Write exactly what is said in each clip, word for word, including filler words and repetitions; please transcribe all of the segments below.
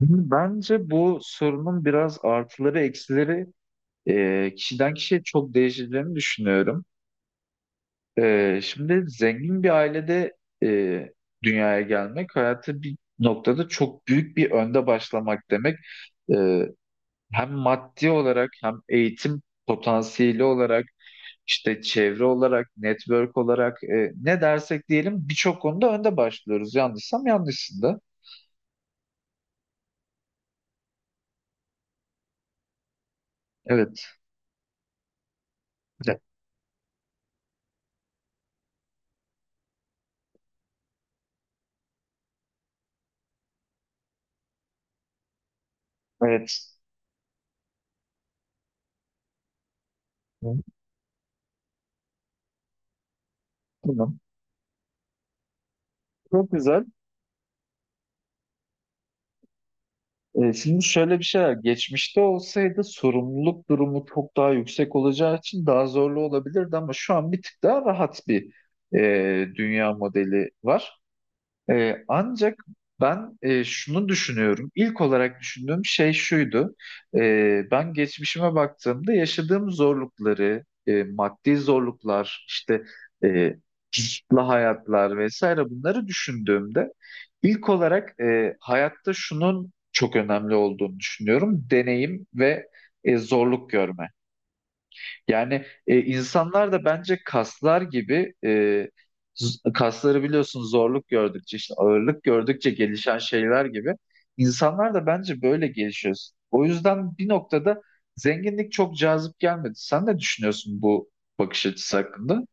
Şimdi bence bu sorunun biraz artıları eksileri e, kişiden kişiye çok değişeceğini düşünüyorum. E, şimdi zengin bir ailede e, dünyaya gelmek hayatı bir noktada çok büyük bir önde başlamak demek. E, Hem maddi olarak hem eğitim potansiyeli olarak işte çevre olarak network olarak e, ne dersek diyelim birçok konuda önde başlıyoruz. Yanlışsam yanlışsın da. Evet. Evet. Tamam. Çok güzel. E, şimdi şöyle bir şey var. Geçmişte olsaydı sorumluluk durumu çok daha yüksek olacağı için daha zorlu olabilirdi, ama şu an bir tık daha rahat bir e, dünya modeli var. Ee, ancak ben e, şunu düşünüyorum. İlk olarak düşündüğüm şey şuydu. Ee, ben geçmişime baktığımda yaşadığım zorlukları, e, maddi zorluklar, işte e, kısıtlı hayatlar vesaire bunları düşündüğümde ilk olarak e, hayatta şunun çok önemli olduğunu düşünüyorum. Deneyim ve e, zorluk görme. Yani e, insanlar da bence kaslar gibi, e, z- kasları biliyorsun, zorluk gördükçe işte ağırlık gördükçe gelişen şeyler gibi İnsanlar da bence böyle gelişiyor. O yüzden bir noktada zenginlik çok cazip gelmedi. Sen ne düşünüyorsun bu bakış açısı hakkında?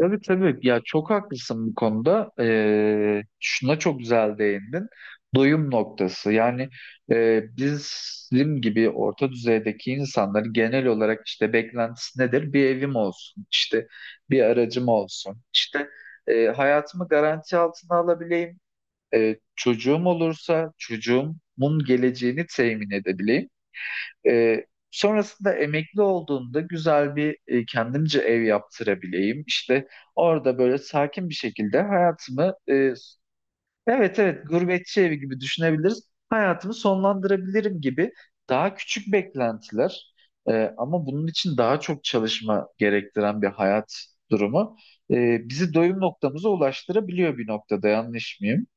Tabii, tabii ya, çok haklısın bu konuda. Ee, şuna çok güzel değindin. Doyum noktası. Yani e, bizim gibi orta düzeydeki insanların genel olarak işte beklentisi nedir? Bir evim olsun, işte bir aracım olsun, işte e, hayatımı garanti altına alabileyim, e, çocuğum olursa çocuğumun geleceğini temin edebileyim. Ee, sonrasında emekli olduğumda güzel bir e, kendimce ev yaptırabileyim. İşte orada böyle sakin bir şekilde hayatımı e, evet, evet, gurbetçi evi gibi düşünebiliriz. Hayatımı sonlandırabilirim gibi daha küçük beklentiler, e, ama bunun için daha çok çalışma gerektiren bir hayat durumu e, bizi doyum noktamıza ulaştırabiliyor bir noktada, yanlış mıyım?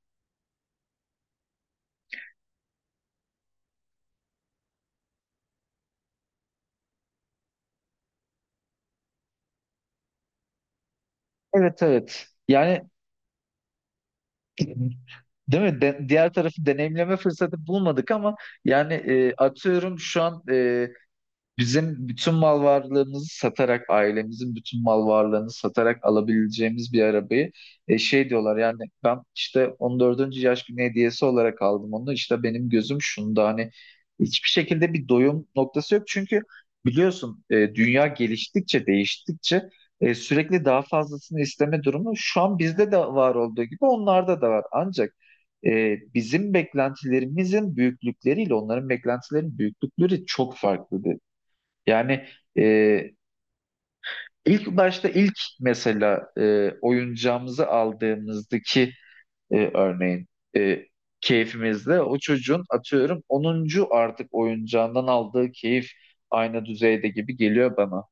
Evet, evet. Yani... Değil mi? De- diğer tarafı deneyimleme fırsatı bulmadık, ama yani, e, atıyorum şu an e, bizim bütün mal varlığımızı satarak, ailemizin bütün mal varlığını satarak alabileceğimiz bir arabayı, e, şey diyorlar yani, ben işte on dördüncü yaş günü hediyesi olarak aldım onu. İşte benim gözüm şunda, hani hiçbir şekilde bir doyum noktası yok. Çünkü biliyorsun, e, dünya geliştikçe, değiştikçe, e, sürekli daha fazlasını isteme durumu şu an bizde de var olduğu gibi onlarda da var. Ancak e, bizim beklentilerimizin büyüklükleriyle onların beklentilerinin büyüklükleri çok farklı. Yani, e, ilk başta, ilk mesela e, oyuncağımızı aldığımızdaki e, örneğin e, keyfimizde o çocuğun atıyorum onuncu artık oyuncağından aldığı keyif aynı düzeyde gibi geliyor bana.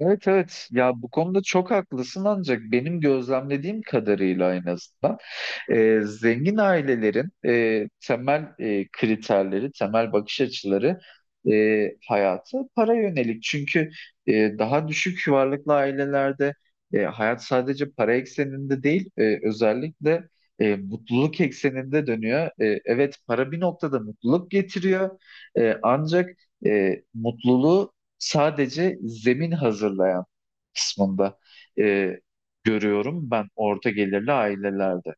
Evet, evet ya, bu konuda çok haklısın, ancak benim gözlemlediğim kadarıyla en azından. E, zengin ailelerin e, temel e, kriterleri, temel bakış açıları e, hayatı para yönelik. Çünkü e, daha düşük varlıklı ailelerde e, hayat sadece para ekseninde değil, e, özellikle e, mutluluk ekseninde dönüyor. E, evet, para bir noktada mutluluk getiriyor. E, ancak e, mutluluğu sadece zemin hazırlayan kısmında e, görüyorum ben orta gelirli ailelerde.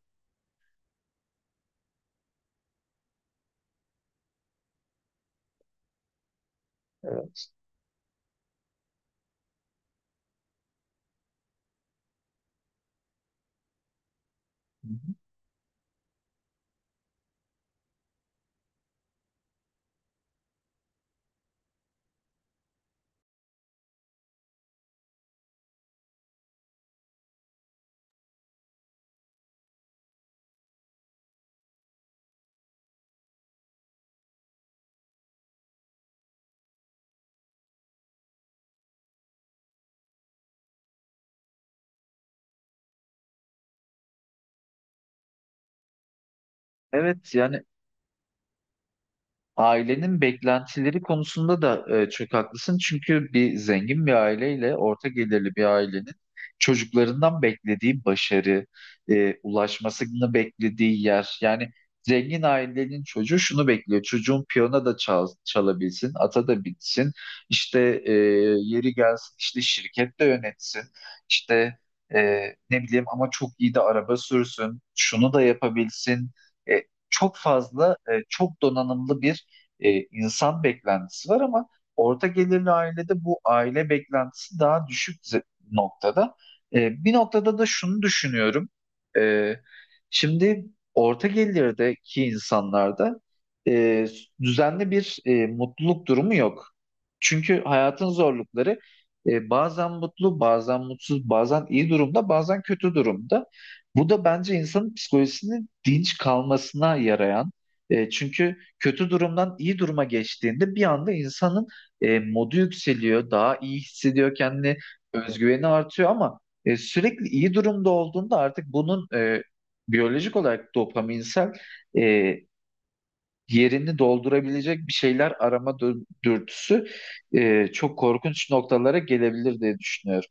Evet, yani ailenin beklentileri konusunda da e, çok haklısın. Çünkü bir zengin bir aileyle orta gelirli bir ailenin çocuklarından beklediği başarı, e, ulaşmasını beklediği yer. Yani zengin ailenin çocuğu şunu bekliyor. Çocuğun piyano da çal, çalabilsin, ata da bitsin. İşte e, yeri gelsin, işte şirket de yönetsin. İşte e, ne bileyim, ama çok iyi de araba sürsün. Şunu da yapabilsin. E, Çok fazla e, çok donanımlı bir e, insan beklentisi var, ama orta gelirli ailede bu aile beklentisi daha düşük ze- noktada. E, bir noktada da şunu düşünüyorum. E, Şimdi orta gelirdeki insanlarda e, düzenli bir e, mutluluk durumu yok. Çünkü hayatın zorlukları, e, bazen mutlu, bazen mutsuz, bazen iyi durumda, bazen kötü durumda. Bu da bence insanın psikolojisinin dinç kalmasına yarayan. E, çünkü kötü durumdan iyi duruma geçtiğinde bir anda insanın e, modu yükseliyor, daha iyi hissediyor kendini, özgüveni artıyor, ama e, sürekli iyi durumda olduğunda artık bunun e, biyolojik olarak dopaminsel e, yerini doldurabilecek bir şeyler arama dür- dürtüsü e, çok korkunç noktalara gelebilir diye düşünüyorum.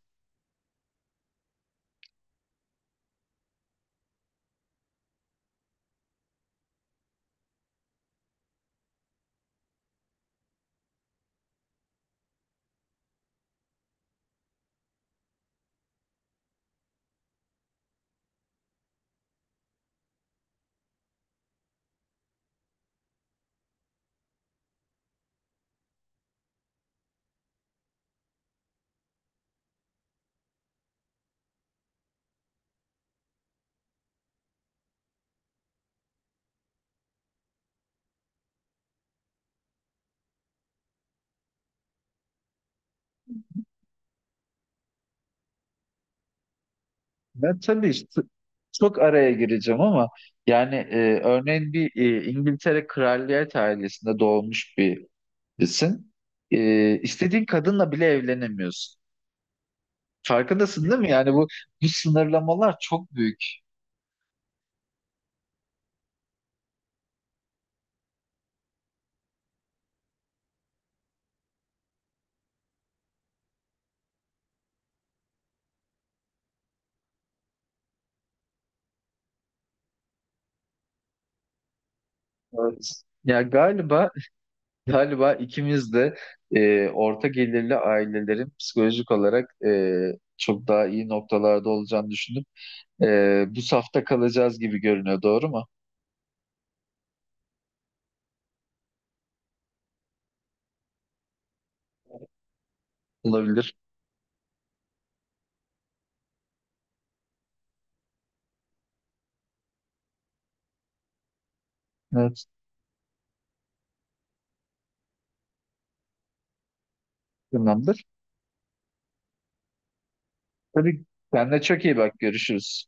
Ben tabii işte çok araya gireceğim ama yani, e, örneğin bir e, İngiltere kraliyet ailesinde doğmuş bir... Sen e, istediğin kadınla bile evlenemiyorsun. Farkındasın değil mi? Yani bu bu sınırlamalar çok büyük. Evet. Ya galiba galiba ikimiz de e, orta gelirli ailelerin psikolojik olarak e, çok daha iyi noktalarda olacağını düşünüp e, bu safta kalacağız gibi görünüyor. Doğru mu? Olabilir. Evet. Tamamdır. Tabii, kendine çok iyi bak. Görüşürüz.